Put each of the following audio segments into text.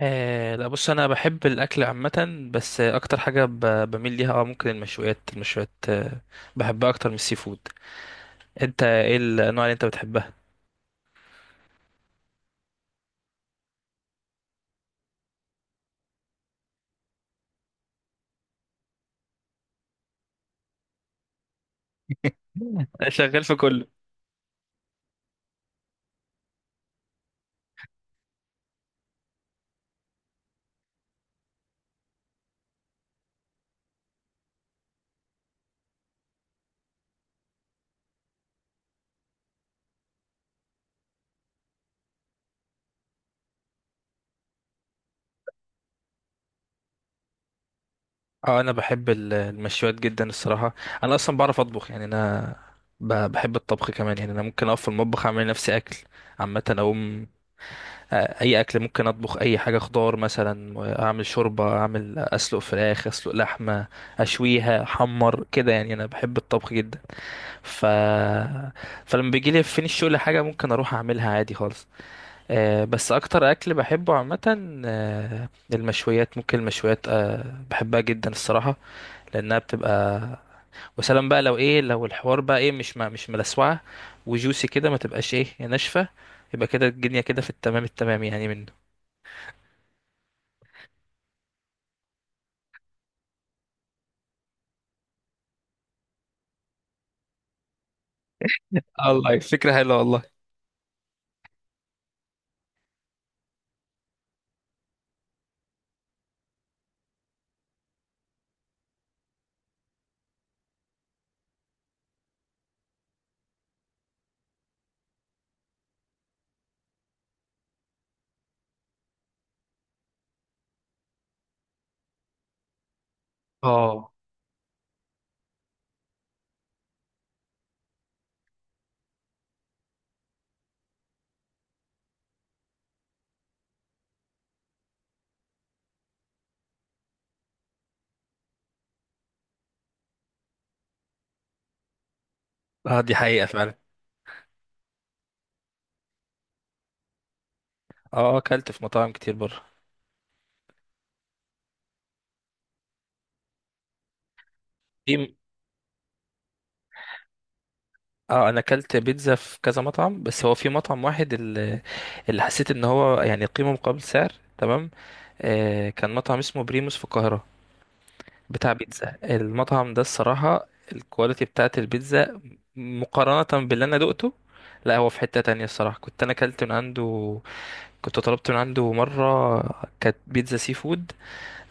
لا بص انا بحب الاكل عامه بس اكتر حاجه بميل ليها ممكن المشويات المشويات. بحبها اكتر من السي فود. انت ايه الانواع اللي انت بتحبها؟ شغال في كله. اه انا بحب المشويات جدا الصراحه. انا اصلا بعرف اطبخ يعني انا بحب الطبخ كمان. يعني انا ممكن اقف في المطبخ اعمل لنفسي اكل عامه اقوم. آه، اي اكل ممكن اطبخ، اي حاجه خضار مثلا، اعمل شوربه، اعمل، اسلق فراخ، اسلق لحمه، اشويها، احمر كده. يعني انا بحب الطبخ جدا. ف... فلما بيجي لي فين الشغل حاجه ممكن اروح اعملها عادي خالص. بس اكتر اكل بحبه عامه، المشويات، ممكن المشويات، بحبها جدا الصراحه، لانها بتبقى، وسلام بقى لو ايه، لو الحوار بقى ايه، مش ما مش ملسوعه، وجوسي كده، ما تبقاش ايه ناشفه، يبقى كده الدنيا كده في التمام التمام يعني منه. الله، فكرة حلوة والله. اه. اه دي حقيقة فعلا. اه، اكلت في مطاعم كتير بره. في، اه انا اكلت بيتزا في كذا مطعم، بس هو في مطعم واحد اللي حسيت ان هو يعني قيمة مقابل سعر، تمام. آه كان مطعم اسمه بريموس في القاهرة، بتاع بيتزا. المطعم ده الصراحة الكواليتي بتاعت البيتزا مقارنة باللي انا دقته. لا، هو في حتة تانية الصراحة كنت انا اكلت من عنده، كنت طلبت من عنده مرة، كانت بيتزا سي فود.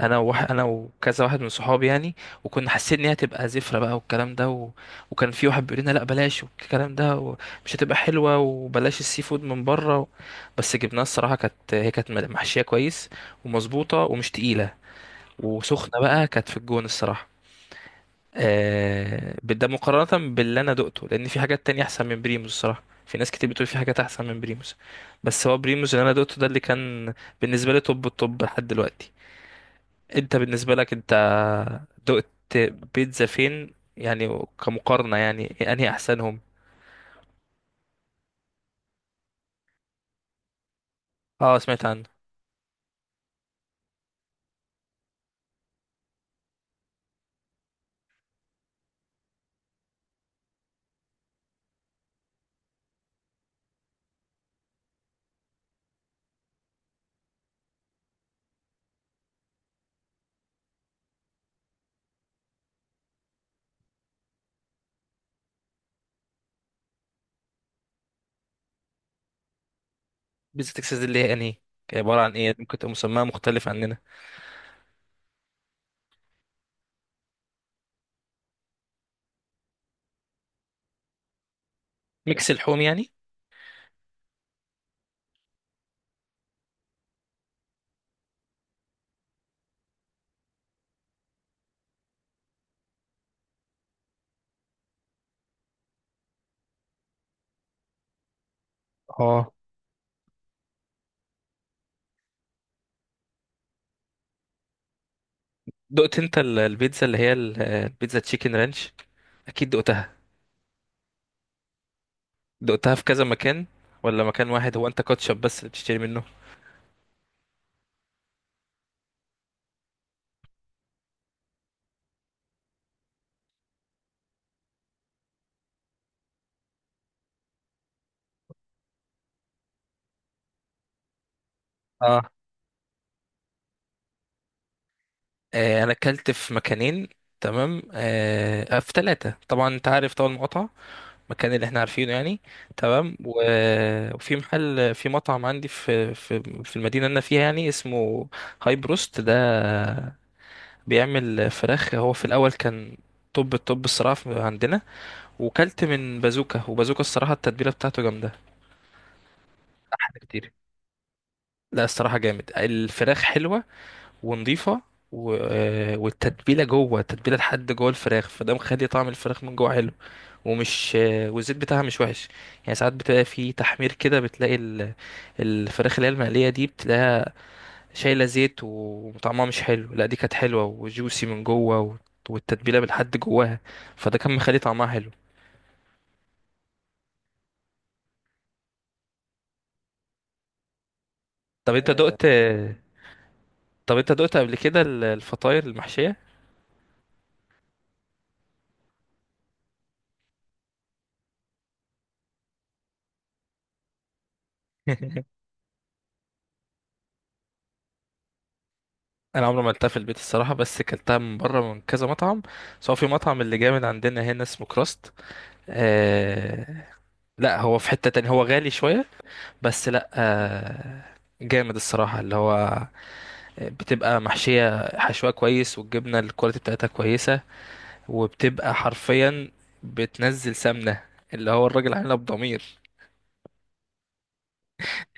انا وكذا واحد من صحابي يعني، وكنا حاسين ان هي هتبقى زفره بقى والكلام ده، وكان في واحد بيقول لنا لا بلاش والكلام ده ومش هتبقى حلوه وبلاش السي فود من بره، بس جبناها الصراحه، كانت، هي كانت محشيه كويس ومظبوطه ومش تقيله وسخنه بقى، كانت في الجون الصراحه. ده مقارنه باللي انا دقته، لان في حاجات تانية احسن من بريموس الصراحه، في ناس كتير بتقول في حاجات احسن من بريموس، بس هو بريموس اللي انا دقته ده اللي كان بالنسبه لي توب التوب لحد دلوقتي. انت بالنسبه لك، انت دقت بيتزا فين يعني، كمقارنة يعني، انهي احسنهم؟ اه سمعت عنه. بيتزا تكساس دي اللي هي انهي، عبارة عن ايه؟ ممكن تبقى مسماها مختلف عننا. ميكس اللحوم يعني. اه، دقت انت البيتزا اللي هي البيتزا تشيكن رانش، اكيد دقتها، دقتها في كذا مكان ولا مكان واحد؟ هو انت كاتشب بس اللي بتشتري منه؟ اه، آه انا اكلت في مكانين، تمام، في ثلاثة. طبعا انت عارف طبعا المقاطعة، المكان اللي احنا عارفينه يعني، تمام. وفي محل، في مطعم عندي في في المدينة اللي انا فيها يعني، اسمه هاي بروست ده، بيعمل فراخ. هو في الاول كان توب التوب الصراحة عندنا. وكلت من بازوكا، وبازوكا الصراحة التتبيلة بتاعته جامدة، احلى كتير. لا الصراحة جامد، الفراخ حلوة ونضيفة، و... آه، والتتبيلة جوه، التتبيلة لحد جوه الفراخ، فده مخلي طعم الفراخ من جوه حلو، ومش آه، والزيت بتاعها مش وحش. يعني ساعات بتلاقي في تحمير كده بتلاقي الفراخ اللي هي المقلية دي، بتلاقيها شايلة زيت وطعمها مش حلو، لا دي كانت حلوة وجوسي من جوه، والتتبيلة بالحد جواها، فده كان مخلي طعمها حلو. طب انت دقت، طب انت دقت قبل كده الفطاير المحشية؟ انا عمري ما اكلتها في البيت الصراحه، بس اكلتها من بره من كذا مطعم، سواء في مطعم اللي جامد عندنا هنا اسمه كراست، آه... لا هو في حته تانية، هو غالي شويه، بس لا، جامد الصراحه، اللي هو بتبقى محشيه حشوه كويس، والجبنه الكواليتي بتاعتها كويسه، وبتبقى حرفيا بتنزل سمنه، اللي هو الراجل عاملها بضمير.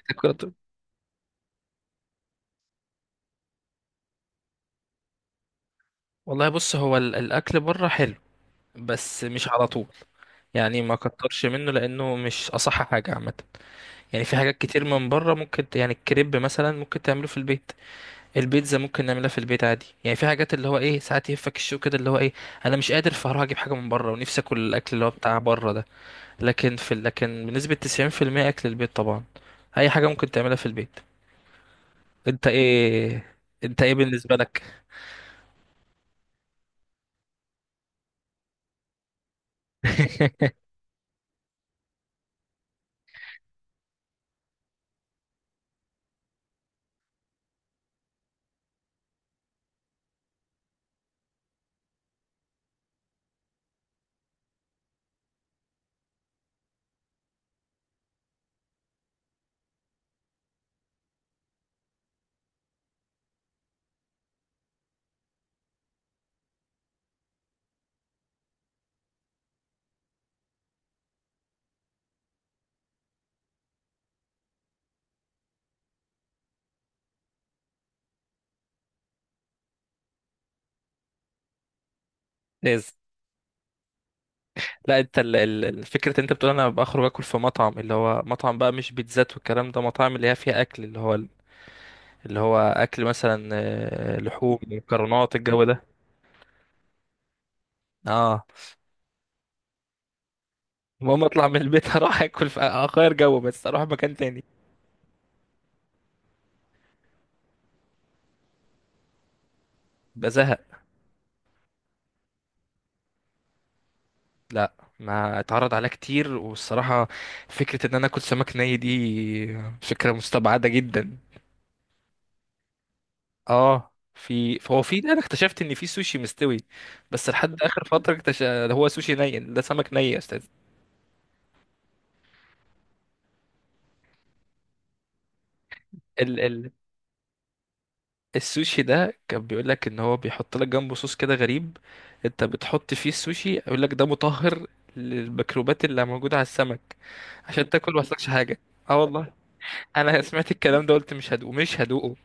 تاكل- والله بص، هو الاكل بره حلو، بس مش على طول، يعني ما كترش منه لانه مش اصح حاجه عامه. يعني في حاجات كتير من بره ممكن يعني الكريب مثلا ممكن تعمله في البيت، البيتزا ممكن نعملها في البيت عادي. يعني في حاجات اللي هو ايه ساعات يهفك الشوق كده، اللي هو ايه، انا مش قادر فهروح اجيب حاجه من بره ونفسي اكل الاكل اللي هو بتاع بره ده، لكن في لكن بنسبه 90% اكل البيت طبعا، اي حاجه ممكن تعملها في البيت. انت ايه، انت ايه بالنسبه لك؟ لازم. لا انت الفكره انت بتقول انا بخرج اكل في مطعم، اللي هو مطعم بقى مش بيتزات والكلام ده، مطاعم اللي هي فيها اكل اللي هو، اللي هو اكل مثلا لحوم، مكرونات، الجو ده. اه. المهم اطلع من البيت، اروح اكل في، اغير جو بس، اروح مكان تاني. بزهق. لا، ما اتعرض عليها كتير والصراحة، فكرة ان انا اكل سمك ني دي فكرة مستبعدة جدا. اه في، فهو في انا اكتشفت ان في سوشي مستوي، بس لحد اخر فترة اكتشف هو سوشي ني ده سمك ني، يا استاذ. السوشي ده كان بيقول لك ان هو بيحط لك جنبه صوص كده غريب، انت بتحط فيه السوشي، يقول لك ده مطهر للميكروبات اللي موجوده على السمك عشان تاكل ما يحصلكش حاجه. اه والله. انا سمعت الكلام ده قلت مش هدوقه، مش هدوقه.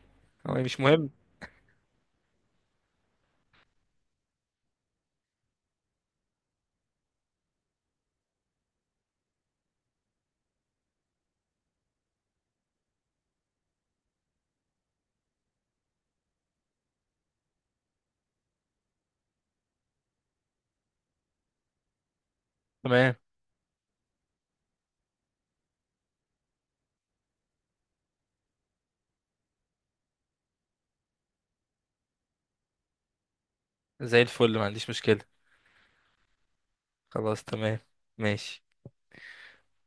هو مش مهم. تمام، زي الفل ما عنديش مشكله. خلاص تمام، ماشي.